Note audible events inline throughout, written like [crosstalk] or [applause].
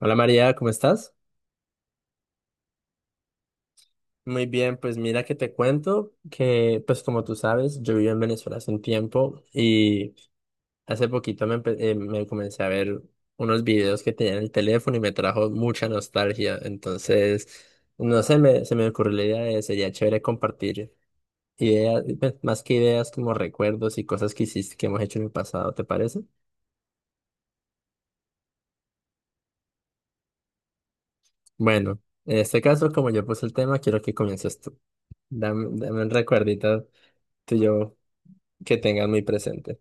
Hola María, ¿cómo estás? Muy bien, pues mira que te cuento que, pues como tú sabes, yo vivo en Venezuela hace un tiempo y hace poquito me comencé a ver unos videos que tenía en el teléfono y me trajo mucha nostalgia. Entonces, no sé, me, se me ocurrió la idea de sería chévere compartir ideas, pues, más que ideas como recuerdos y cosas que hiciste, que hemos hecho en el pasado, ¿te parece? Bueno, en este caso, como yo puse el tema, quiero que comiences tú. Dame, dame un recuerdito tuyo que tengas muy presente.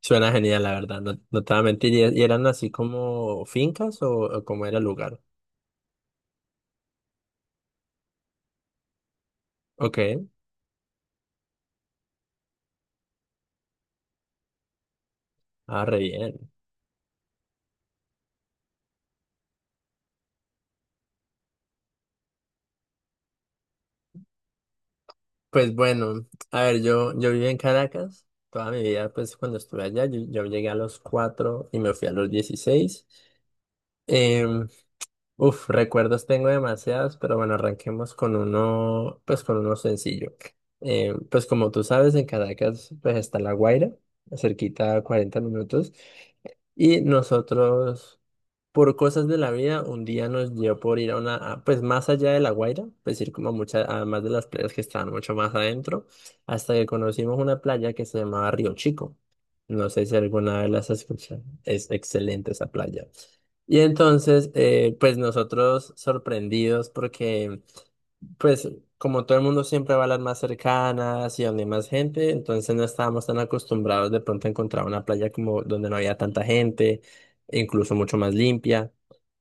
Suena genial, la verdad, no, no te voy a mentir. Y eran así como fincas o cómo era el lugar? Ok, ah, re bien. Pues bueno, a ver, yo viví en Caracas toda mi vida, pues cuando estuve allá, yo llegué a los 4 y me fui a los 16. Em, Recuerdos tengo demasiados, pero bueno, arranquemos con uno, pues con uno sencillo. Pues como tú sabes, en Caracas pues está La Guaira, cerquita a 40 minutos, y nosotros, por cosas de la vida, un día nos dio por ir pues más allá de La Guaira, pues ir como a muchas, además de las playas que estaban mucho más adentro, hasta que conocimos una playa que se llamaba Río Chico. No sé si alguna vez las has escuchado. Es excelente esa playa. Y entonces, pues nosotros sorprendidos porque, pues como todo el mundo siempre va a las más cercanas y donde hay más gente, entonces no estábamos tan acostumbrados de pronto a encontrar una playa como donde no había tanta gente, e incluso mucho más limpia.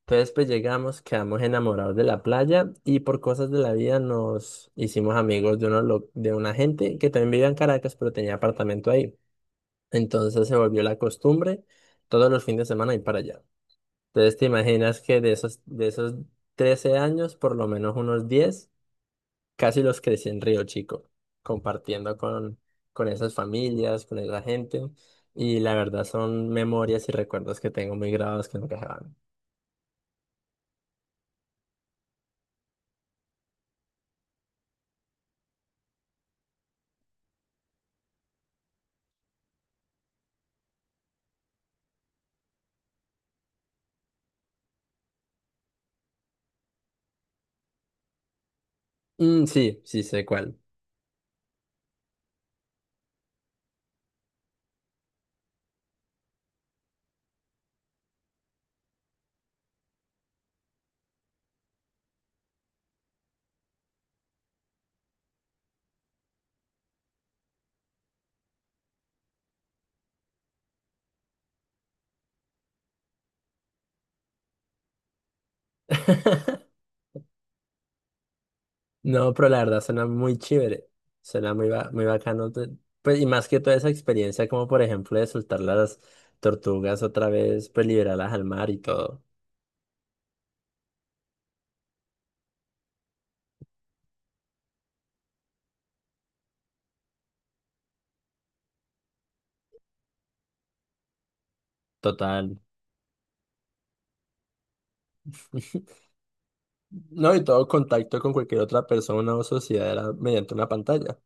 Entonces, pues llegamos, quedamos enamorados de la playa y por cosas de la vida nos hicimos amigos de, uno, lo- de una gente que también vivía en Caracas, pero tenía apartamento ahí. Entonces se volvió la costumbre todos los fines de semana ir para allá. Entonces te imaginas que de esos 13 años, por lo menos unos 10 casi los crecí en Río Chico, compartiendo con esas familias, con esa gente. Y la verdad son memorias y recuerdos que tengo muy grabados que nunca se van. Mm, sí, sí sé cuál. [laughs] No, pero la verdad suena muy chévere. Muy bacano. Pues, y más que toda esa experiencia, como por ejemplo de soltar las tortugas otra vez, pues liberarlas al mar y todo. Total. [laughs] No, y todo contacto con cualquier otra persona o sociedad era mediante una pantalla.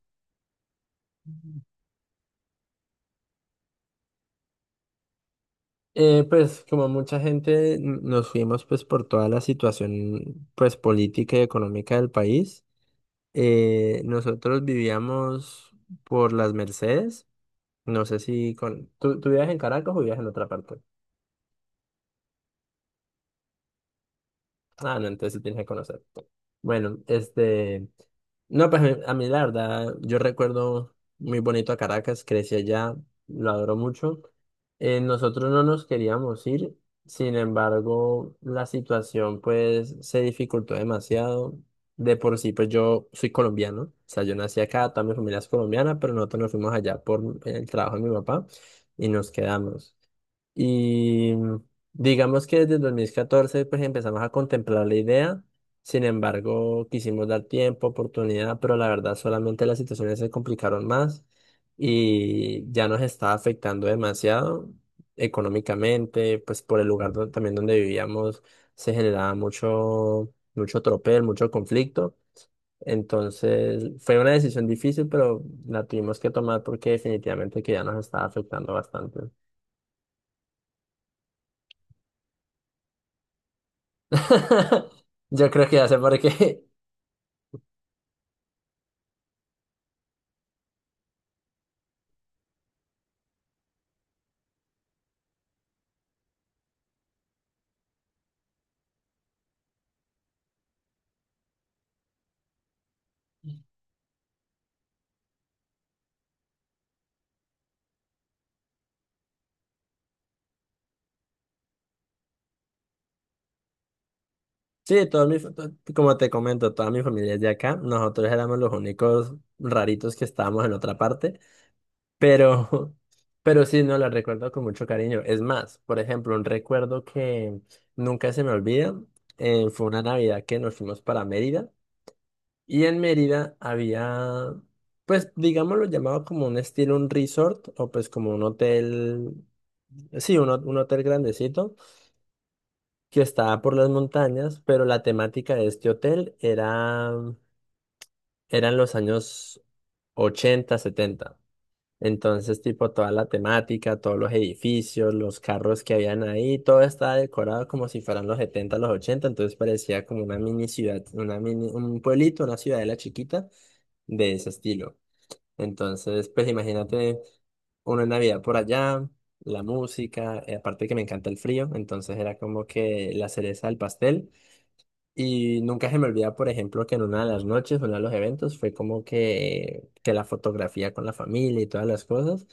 Pues como mucha gente nos fuimos pues por toda la situación pues política y económica del país, nosotros vivíamos por las Mercedes, no sé si con... ¿Tú vivías en Caracas o vivías en otra parte? Ah, no, entonces sí tienes que conocer. Bueno, este... No, pues a mí la verdad, yo recuerdo muy bonito a Caracas, crecí allá, lo adoro mucho. Nosotros no nos queríamos ir, sin embargo, la situación pues se dificultó demasiado. De por sí, pues yo soy colombiano, o sea, yo nací acá, toda mi familia es colombiana, pero nosotros nos fuimos allá por el trabajo de mi papá y nos quedamos. Y digamos que desde el 2014 pues empezamos a contemplar la idea, sin embargo quisimos dar tiempo, oportunidad, pero la verdad solamente las situaciones se complicaron más y ya nos estaba afectando demasiado económicamente, pues por el lugar también donde vivíamos se generaba mucho, mucho tropel, mucho conflicto. Entonces fue una decisión difícil, pero la tuvimos que tomar porque definitivamente que ya nos estaba afectando bastante. [laughs] Yo creo que ya sé por qué. [laughs] Sí, como te comento, toda mi familia es de acá. Nosotros éramos los únicos raritos que estábamos en otra parte, pero, [laughs] pero sí, no la recuerdo con mucho cariño. Es más, por ejemplo, un recuerdo que nunca se me olvida, fue una Navidad que nos fuimos para Mérida y en Mérida había, pues, digámoslo llamado como un estilo, un resort o pues como un hotel, sí, un hotel grandecito que estaba por las montañas, pero la temática de este hotel era, eran los años 80 70. Entonces, tipo, toda la temática, todos los edificios, los carros que habían ahí, todo estaba decorado como si fueran los 70 los 80, entonces parecía como una mini ciudad, una mini, un pueblito, una ciudadela chiquita de ese estilo. Entonces, pues imagínate una Navidad por allá, la música, aparte que me encanta el frío, entonces era como que la cereza del pastel y nunca se me olvida, por ejemplo, que en una de las noches, uno de los eventos, fue como que la fotografía con la familia y todas las cosas.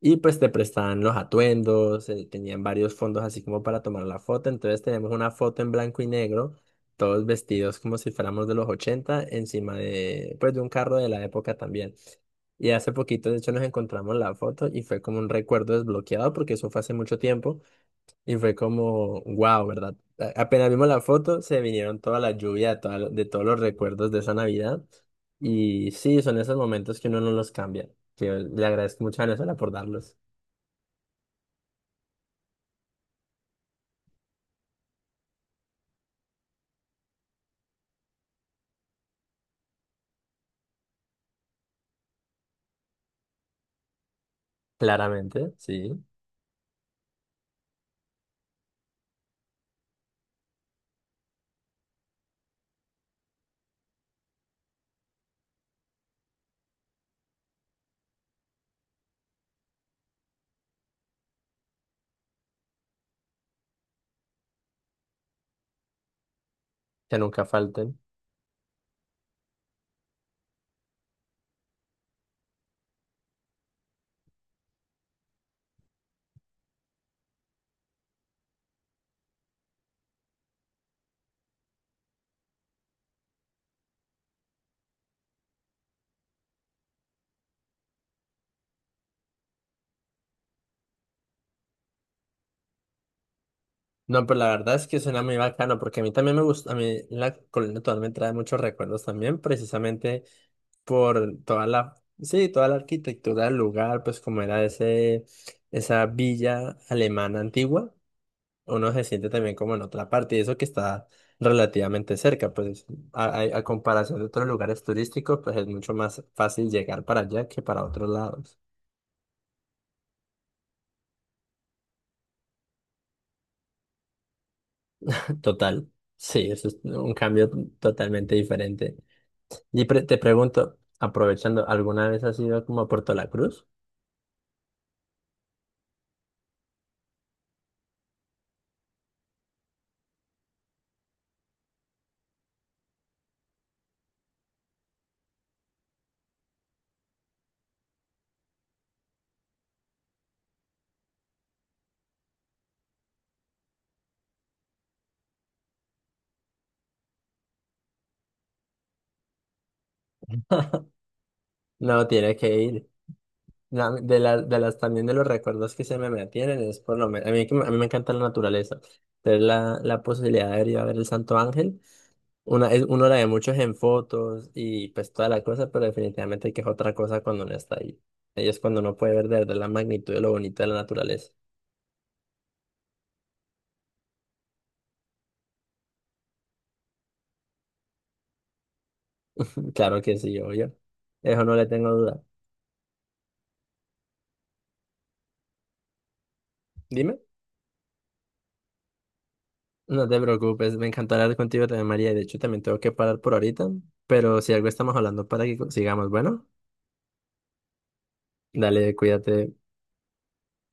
Y pues te prestaban los atuendos, tenían varios fondos así como para tomar la foto. Entonces tenemos una foto en blanco y negro, todos vestidos como si fuéramos de los 80 encima de, pues, de un carro de la época también. Y hace poquito, de hecho, nos encontramos la foto y fue como un recuerdo desbloqueado porque eso fue hace mucho tiempo. Y fue como, wow, ¿verdad? Apenas vimos la foto, se vinieron toda la lluvia, toda lo- de todos los recuerdos de esa Navidad. Y sí, son esos momentos que uno no los cambia. Que le agradezco mucho a Venezuela por darlos. Claramente, sí, que nunca falten. No, pero la verdad es que suena muy bacano, porque a mí también me gusta, a mí la colonia total me trae muchos recuerdos también, precisamente por toda la, sí, toda la arquitectura del lugar, pues como era ese, esa villa alemana antigua. Uno se siente también como en otra parte, y eso que está relativamente cerca, pues a comparación de otros lugares turísticos, pues es mucho más fácil llegar para allá que para otros lados. [laughs] Total, sí, eso es un cambio totalmente diferente. Y te pregunto, aprovechando, ¿alguna vez has ido como a Puerto La Cruz? No, tiene que ir. De las también de los recuerdos que se me mantienen es por lo menos, a mí, a mí me encanta la naturaleza, tener la posibilidad de ir a ver el Santo Ángel. Uno la ve muchos en fotos y pues toda la cosa, pero definitivamente que es otra cosa cuando uno está ahí. Ahí es cuando uno puede ver de verdad la magnitud de lo bonito de la naturaleza. Claro que sí, obvio. Eso no le tengo duda. Dime. No te preocupes, me encantará hablar contigo también, María. De hecho, también tengo que parar por ahorita, pero si algo estamos hablando para que sigamos, bueno, dale, cuídate.